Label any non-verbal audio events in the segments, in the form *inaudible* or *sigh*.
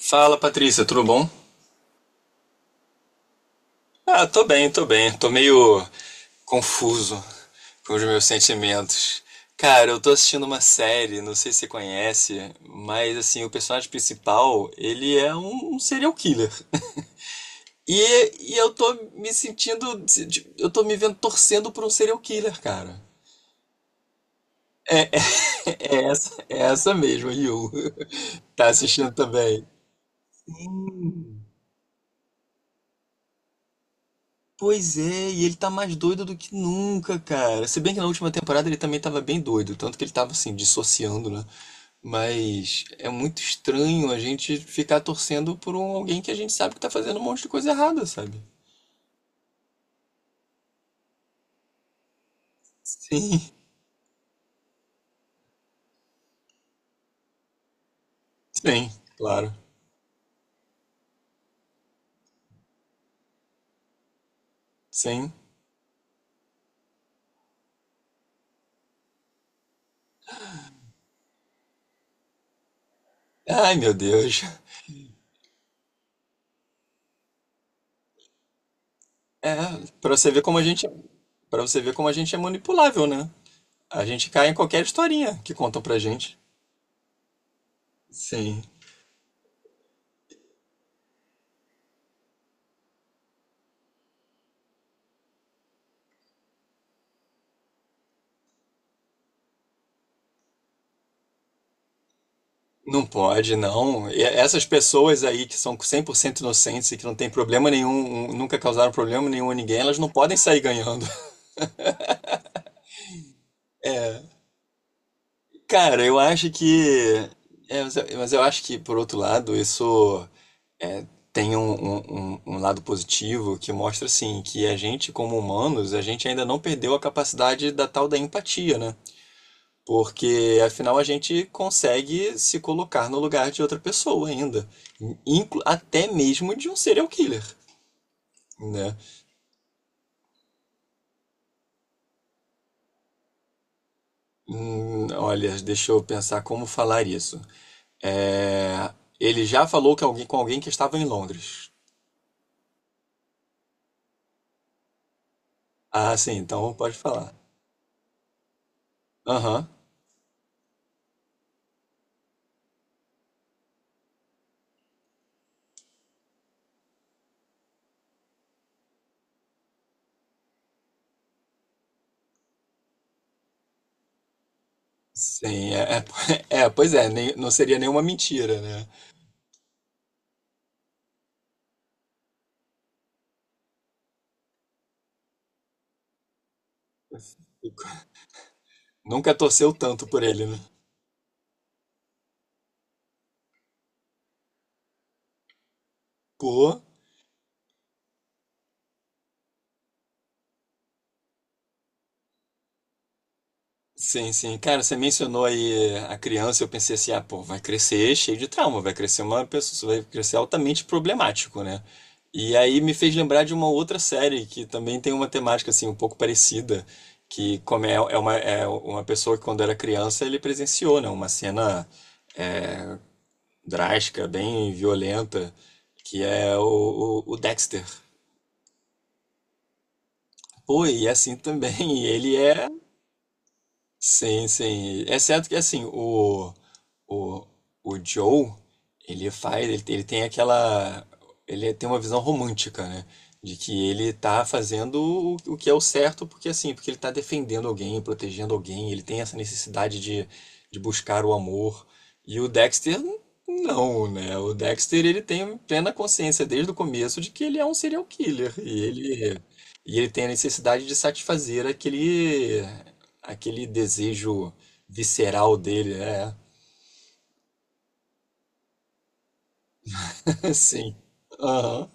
Fala Patrícia, tudo bom? Tô bem, tô bem. Tô meio confuso com os meus sentimentos. Cara, eu tô assistindo uma série, não sei se você conhece, mas assim, o personagem principal, ele é um serial killer. E eu tô me sentindo, eu tô me vendo torcendo por um serial killer, cara. É essa mesmo, Yu. *laughs* Tá assistindo também? Pois é, e ele tá mais doido do que nunca, cara. Se bem que na última temporada ele também tava bem doido, tanto que ele tava assim, dissociando, né? Mas é muito estranho a gente ficar torcendo por um alguém que a gente sabe que tá fazendo um monte de coisa errada, sabe? Sim. *laughs* Sim, claro. Sim. Ai, meu Deus. É, pra você ver como a para você ver como a gente é manipulável, né? A gente cai em qualquer historinha que contam pra gente. Sim. Não pode, não. E essas pessoas aí que são 100% inocentes e que não tem problema nenhum, nunca causaram problema nenhum a ninguém, elas não podem sair ganhando. *laughs* Cara, eu acho que. Mas eu acho que, por outro lado, isso tem um, um lado positivo que mostra, assim, que a gente, como humanos, a gente ainda não perdeu a capacidade da tal da empatia, né? Porque, afinal, a gente consegue se colocar no lugar de outra pessoa ainda. Até mesmo de um serial killer, né? Olha, deixa eu pensar como falar isso. É, ele já falou que alguém, com alguém que estava em Londres. Ah, sim, então pode falar. Aham, sim, *laughs* é, pois é, não seria nenhuma mentira, né? Nunca torceu tanto por ele, né? Pô. Sim, sim. Cara, você mencionou aí a criança, eu pensei assim, ah, pô, vai crescer cheio de trauma, vai crescer uma pessoa, vai crescer altamente problemático, né? E aí me fez lembrar de uma outra série que também tem uma temática assim um pouco parecida, é uma pessoa que quando era criança ele presenciou, né, uma cena drástica, bem violenta, que é o Dexter. Pô, e é assim também, *laughs* ele é. Sim, sim. É certo que assim, o, o Joe, ele faz, ele tem aquela, ele tem uma visão romântica, né? De que ele tá fazendo o que é o certo, porque assim, porque ele tá defendendo alguém, protegendo alguém, ele tem essa necessidade de buscar o amor. E o Dexter, não, né? O Dexter, ele tem plena consciência desde o começo de que ele é um serial killer. E ele tem a necessidade de satisfazer aquele aquele desejo visceral dele, é. *laughs* Sim. Aham.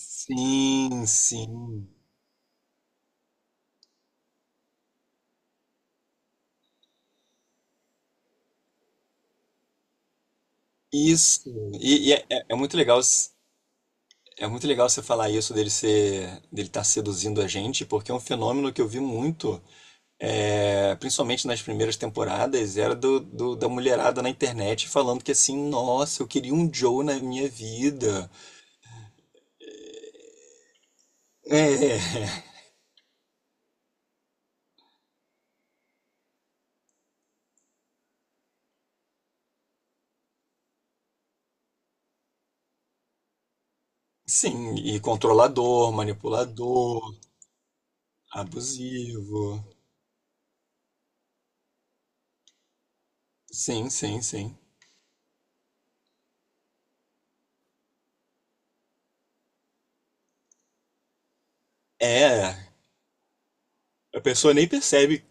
Sim, sim. Isso. É muito legal, é muito legal você falar isso dele ser, dele estar seduzindo a gente, porque é um fenômeno que eu vi muito, é, principalmente nas primeiras temporadas, era do, da mulherada na internet falando que assim, nossa, eu queria um Joe na minha vida. É, sim, e controlador, manipulador, abusivo. Sim, sim, sim. É, a pessoa nem percebe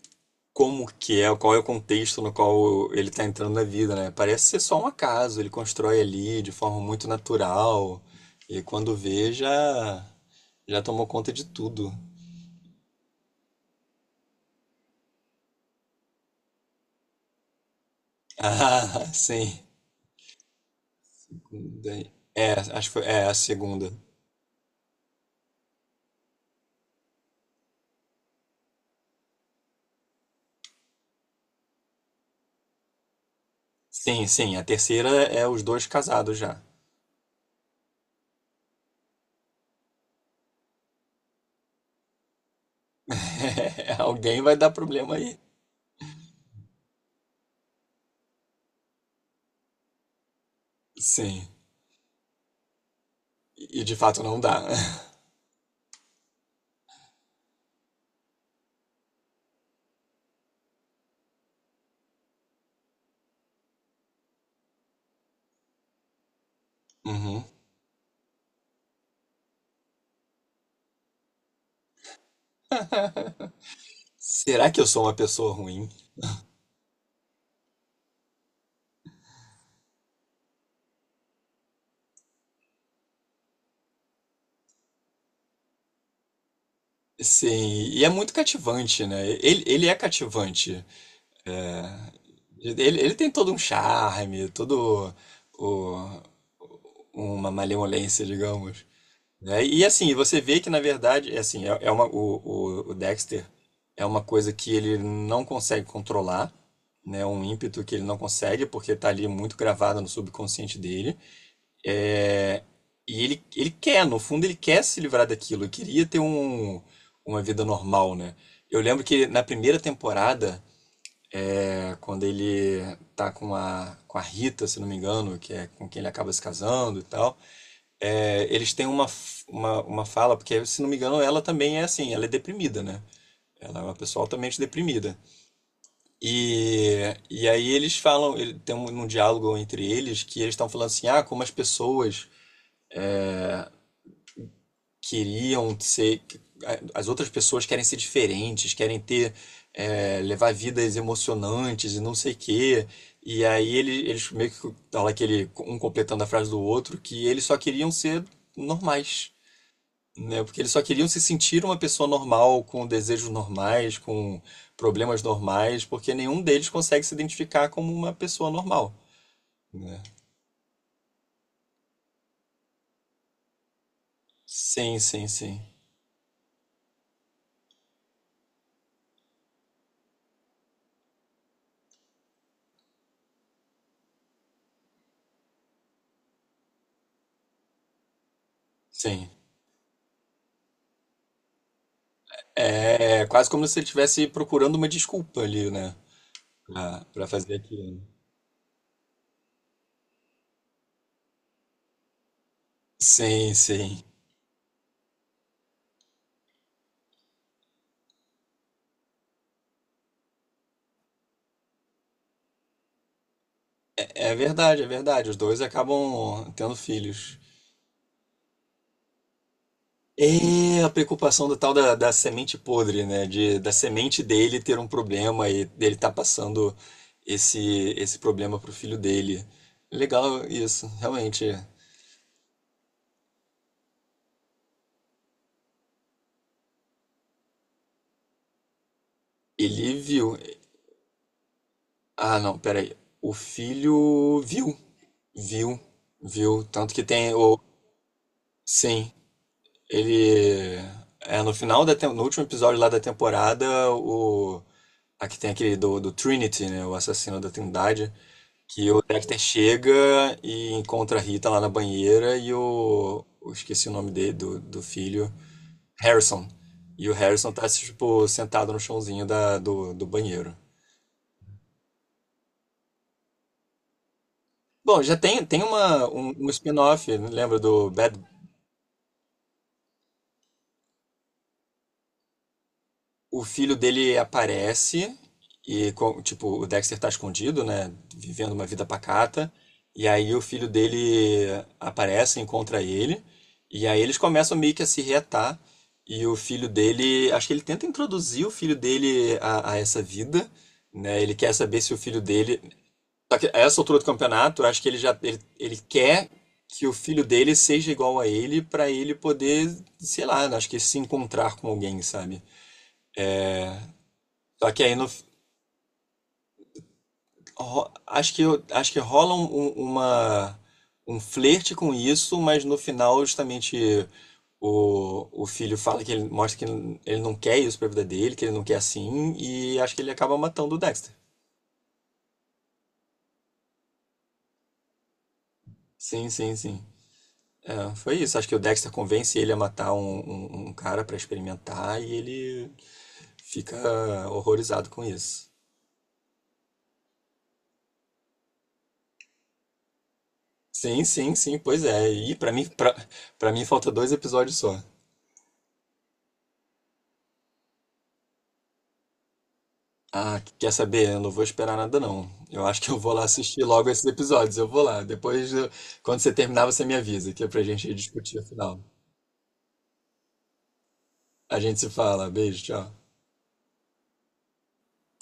como que é, qual é o contexto no qual ele tá entrando na vida, né? Parece ser só um acaso, ele constrói ali de forma muito natural e quando vê já tomou conta de tudo. *laughs* Ah, sim. Daí- É, acho que foi, é a segunda. Sim, sim, a terceira é os dois casados já. *laughs* Alguém vai dar problema aí. Sim. E de fato não dá. *laughs* Uhum. Será que eu sou uma pessoa ruim? Sim, e é muito cativante, né? Ele é cativante. Ele tem todo um charme, todo o, uma malevolência, digamos. Né? E assim, você vê que na verdade, é assim, é, é uma, o Dexter é uma coisa que ele não consegue controlar, né? Um ímpeto que ele não consegue, porque tá ali muito gravado no subconsciente dele. É, e ele quer, no fundo, ele quer se livrar daquilo. Ele queria ter um, uma vida normal, né? Eu lembro que na primeira temporada, é, quando ele tá com a Rita, se não me engano, que é com quem ele acaba se casando e tal, é, eles têm uma, uma fala, porque se não me engano, ela também é assim, ela é deprimida, né? Ela é uma pessoa altamente deprimida. E, e aí eles falam, ele, tem um, um diálogo entre eles que eles estão falando assim, ah, como as pessoas queriam ser. As outras pessoas querem ser diferentes, querem ter, é, levar vidas emocionantes e não sei o quê. E aí ele, eles meio que fala aquele, um completando a frase do outro, que eles só queriam ser normais, né? Porque eles só queriam se sentir uma pessoa normal, com desejos normais, com problemas normais, porque nenhum deles consegue se identificar como uma pessoa normal, né? Sim, sim, sim. Sim. É é quase como se ele estivesse procurando uma desculpa ali, né? Pra, pra fazer aquilo. Né? Sim, sim. É verdade, é verdade. Os dois acabam tendo filhos. É a preocupação do tal da, da semente podre, né? De, da semente dele ter um problema e dele tá passando esse, esse problema pro filho dele. Legal isso, realmente. Ele viu. Ah, não, peraí. O filho viu. Viu, viu. Tanto que tem o. Sim. Ele. É, no final da no último episódio lá da temporada, o. Aqui tem aquele do, do Trinity, né? O assassino da Trindade. Que o Dexter chega e encontra a Rita lá na banheira e o. Eu esqueci o nome dele, do, do filho. Harrison. E o Harrison tá, tipo, sentado no chãozinho da, do, do banheiro. Bom, já tem, tem uma, um spin-off, né? Lembra do Bad. O filho dele aparece e, tipo, o Dexter tá escondido, né? Vivendo uma vida pacata. E aí o filho dele aparece, encontra ele. E aí eles começam meio que a se reatar. E o filho dele, acho que ele tenta introduzir o filho dele a essa vida, né? Ele quer saber se o filho dele. Só que a essa altura do campeonato, eu acho que ele já ele, ele quer que o filho dele seja igual a ele pra ele poder, sei lá, acho que se encontrar com alguém, sabe? Só que aí no, acho que, acho que rola um, uma, um flerte com isso, mas no final, justamente, o filho fala que ele mostra que ele não quer isso pra vida dele, que ele não quer assim, e acho que ele acaba matando o Dexter. Sim, sim, sim. É, foi isso. Acho que o Dexter convence ele a matar um, um cara pra experimentar e ele fica horrorizado com isso. Sim, sim, sim, pois é. E pra mim, pra, pra mim falta 2 episódios só. Ah, quer saber? Eu não vou esperar nada, não. Eu acho que eu vou lá assistir logo esses episódios. Eu vou lá. Depois, quando você terminar, você me avisa, que é pra gente discutir o final. A gente se fala. Beijo, tchau.